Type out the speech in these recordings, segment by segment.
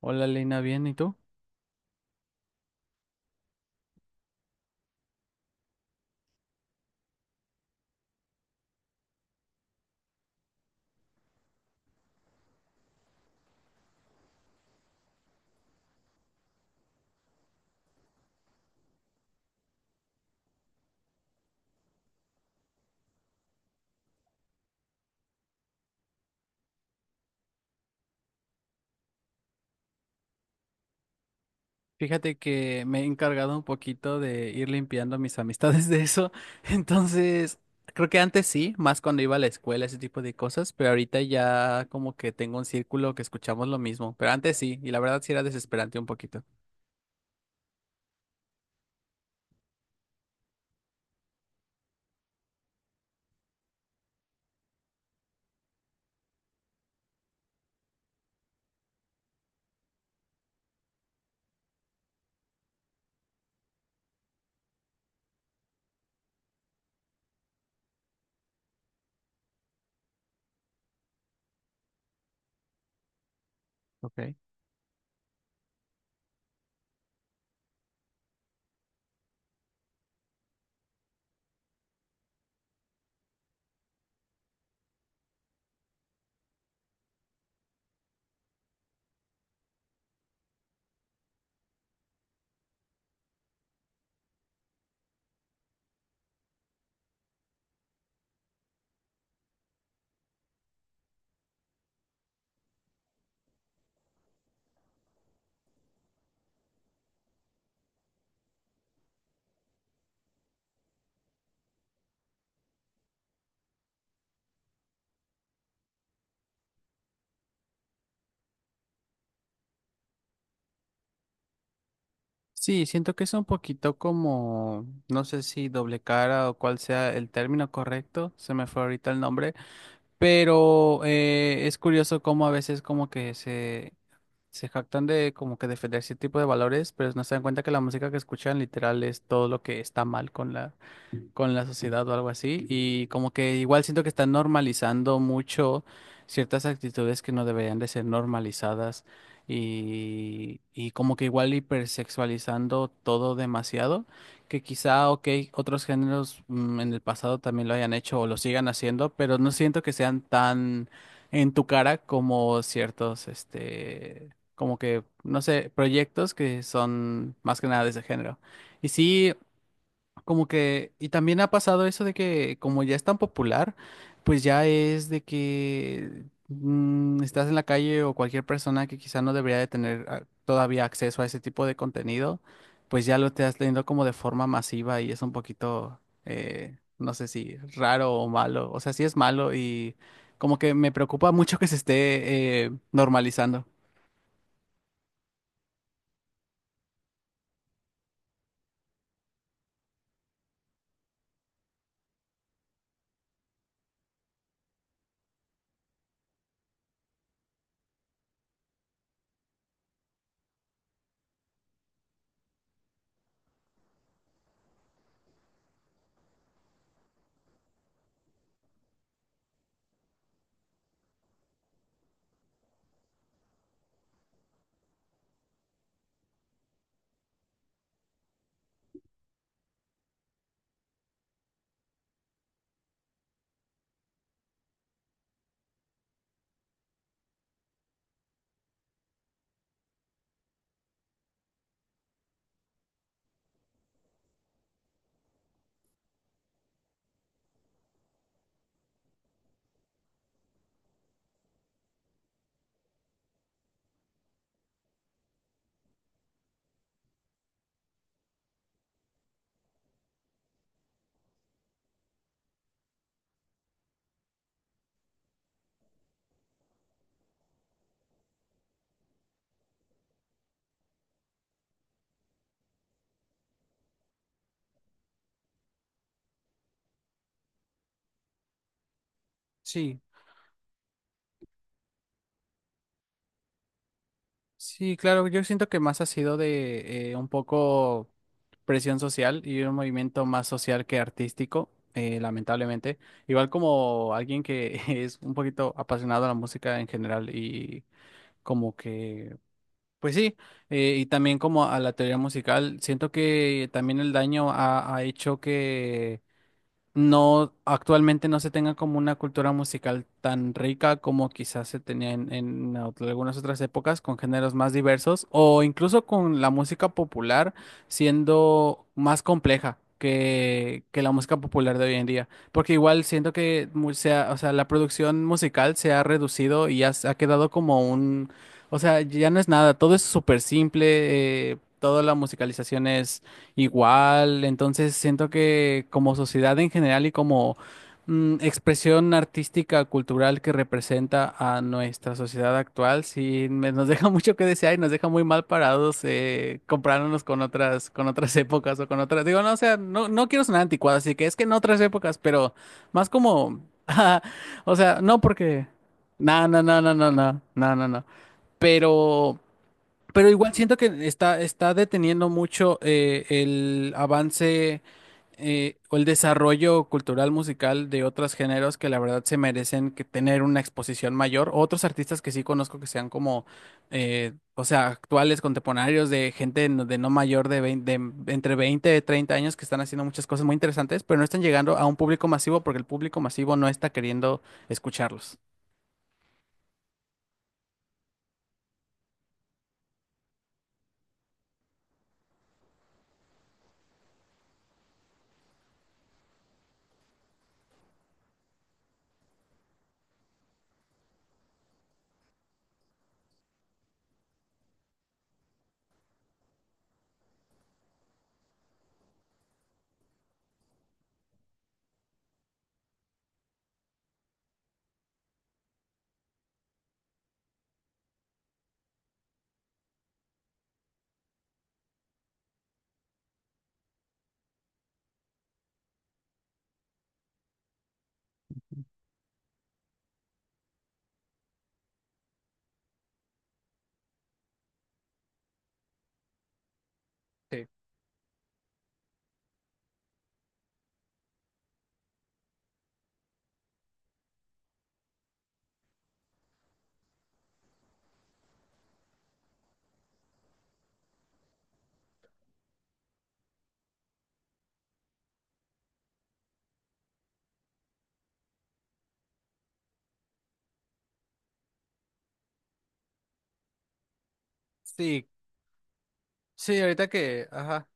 Hola Lina, bien, ¿y tú? Fíjate que me he encargado un poquito de ir limpiando mis amistades de eso. Entonces, creo que antes sí, más cuando iba a la escuela, ese tipo de cosas, pero ahorita ya como que tengo un círculo que escuchamos lo mismo, pero antes sí, y la verdad sí era desesperante un poquito. Okay. Sí, siento que es un poquito como, no sé si doble cara o cuál sea el término correcto, se me fue ahorita el nombre. Pero es curioso cómo a veces como que se jactan de como que defender ese tipo de valores, pero no se dan cuenta que la música que escuchan literal es todo lo que está mal con con la sociedad o algo así. Y como que igual siento que están normalizando mucho ciertas actitudes que no deberían de ser normalizadas y como que igual hipersexualizando todo demasiado, que quizá, ok, otros géneros en el pasado también lo hayan hecho o lo sigan haciendo, pero no siento que sean tan en tu cara como ciertos, este, como que, no sé, proyectos que son más que nada de ese género. Y sí, como que, y también ha pasado eso de que como ya es tan popular, pues ya es de que estás en la calle o cualquier persona que quizá no debería de tener todavía acceso a ese tipo de contenido, pues ya lo estás teniendo como de forma masiva y es un poquito, no sé si raro o malo, o sea, sí es malo y como que me preocupa mucho que se esté normalizando. Sí. Sí, claro, yo siento que más ha sido de un poco presión social y un movimiento más social que artístico, lamentablemente. Igual como alguien que es un poquito apasionado a la música en general y como que, pues sí, y también como a la teoría musical, siento que también el daño ha hecho no, actualmente no se tenga como una cultura musical tan rica como quizás se tenía en ot- algunas otras épocas, con géneros más diversos, o incluso con la música popular siendo más compleja que la música popular de hoy en día. Porque igual siento que mu- se ha- o sea, la producción musical se ha reducido y ya se ha quedado como un, o sea, ya no es nada, todo es súper simple, toda la musicalización es igual. Entonces siento que como sociedad en general y como expresión artística, cultural que representa a nuestra sociedad actual, sí me- nos deja mucho que desear y nos deja muy mal parados comparándonos con otras épocas o con otras. Digo, no, o sea, no, no quiero sonar anticuado, así que es que en otras épocas, pero más como, ah, o sea, no porque, no, no, no, no, no, no, no, no, no, pero pero igual siento que está deteniendo mucho el avance o el desarrollo cultural musical de otros géneros que la verdad se merecen que tener una exposición mayor. Otros artistas que sí conozco que sean como, o sea, actuales, contemporáneos, de gente no- de no mayor de 20 de entre 20 y 30 años que están haciendo muchas cosas muy interesantes, pero no están llegando a un público masivo porque el público masivo no está queriendo escucharlos. Sí, sí, sí, ahorita que, ajá,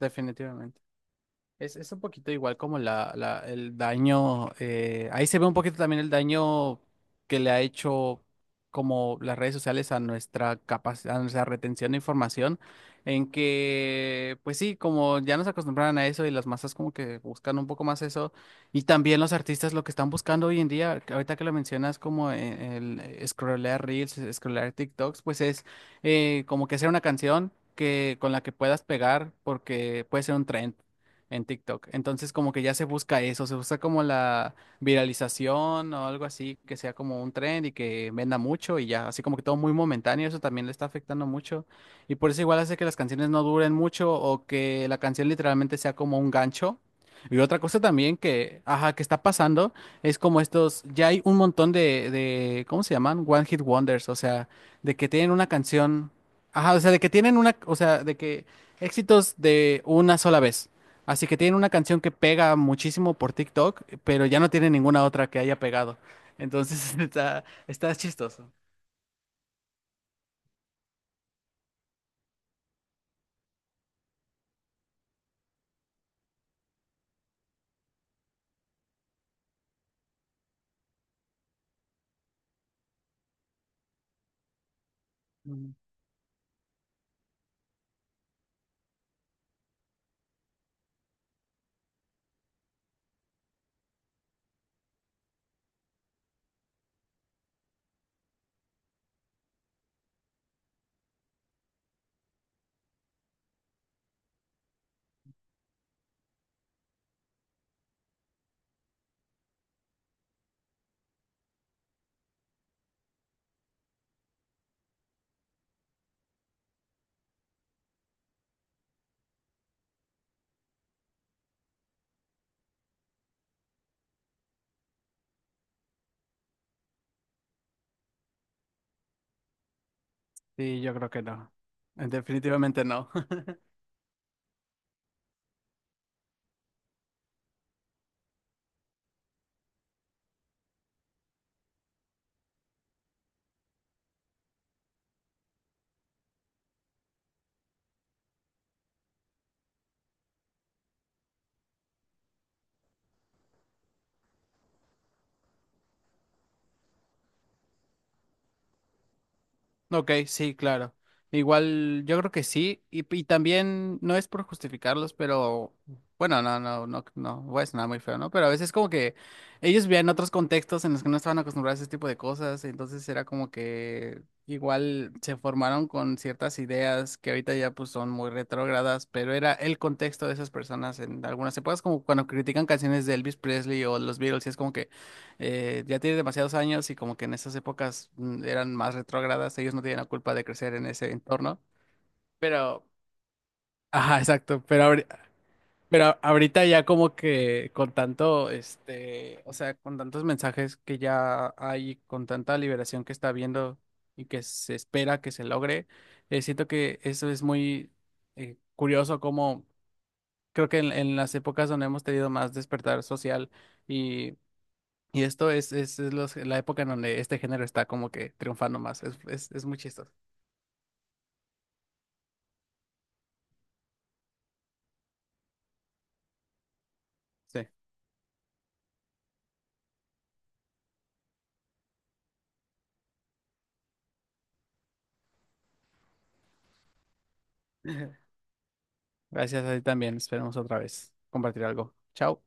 definitivamente. Es un poquito igual como la- el daño, ahí se ve un poquito también el daño que le ha hecho como las redes sociales a nuestra capacidad, a nuestra retención de información, en que, pues sí, como ya nos acostumbraron a eso y las masas como que buscan un poco más eso, y también los artistas lo que están buscando hoy en día, que ahorita que lo mencionas como e- scrollear Reels, scrollear TikToks, pues es como que hacer una canción, que con la que puedas pegar porque puede ser un trend en TikTok. Entonces como que ya se busca eso, se busca como la viralización o algo así, que sea como un trend y que venda mucho y ya, así como que todo muy momentáneo, eso también le está afectando mucho. Y por eso igual hace que las canciones no duren mucho o que la canción literalmente sea como un gancho. Y otra cosa también que, ajá, que está pasando es como estos, ya hay un montón de, ¿cómo se llaman? One Hit Wonders, o sea, de que tienen una canción, ajá, o sea, de que tienen una, o sea, de que éxitos de una sola vez. Así que tienen una canción que pega muchísimo por TikTok, pero ya no tiene ninguna otra que haya pegado. Entonces está, está chistoso. Mm. Sí, yo creo que no. Definitivamente no. Ok, sí, claro. Igual yo creo que sí, y también no es por justificarlos, pero bueno, no, no, no, no, voy a sonar muy feo, ¿no? Pero a veces como que ellos vivían otros contextos en los que no estaban acostumbrados a ese tipo de cosas, entonces era como que igual se formaron con ciertas ideas que ahorita ya pues son muy retrógradas, pero era el contexto de esas personas en algunas épocas, como cuando critican canciones de Elvis Presley o los Beatles, y es como que ya tiene demasiados años y como que en esas épocas eran más retrógradas, ellos no tienen la culpa de crecer en ese entorno, pero, ajá, exacto, pero, ahori- pero ahorita ya como que con tanto, este, o sea, con tantos mensajes que ya hay, con tanta liberación que está habiendo y que se espera que se logre, siento que eso es muy curioso como... Creo que en las épocas donde hemos tenido más despertar social, y Y esto es los- la época en donde este género está como que triunfando más. Es muy chistoso. Sí. Gracias a ti también. Esperemos otra vez compartir algo. Chao.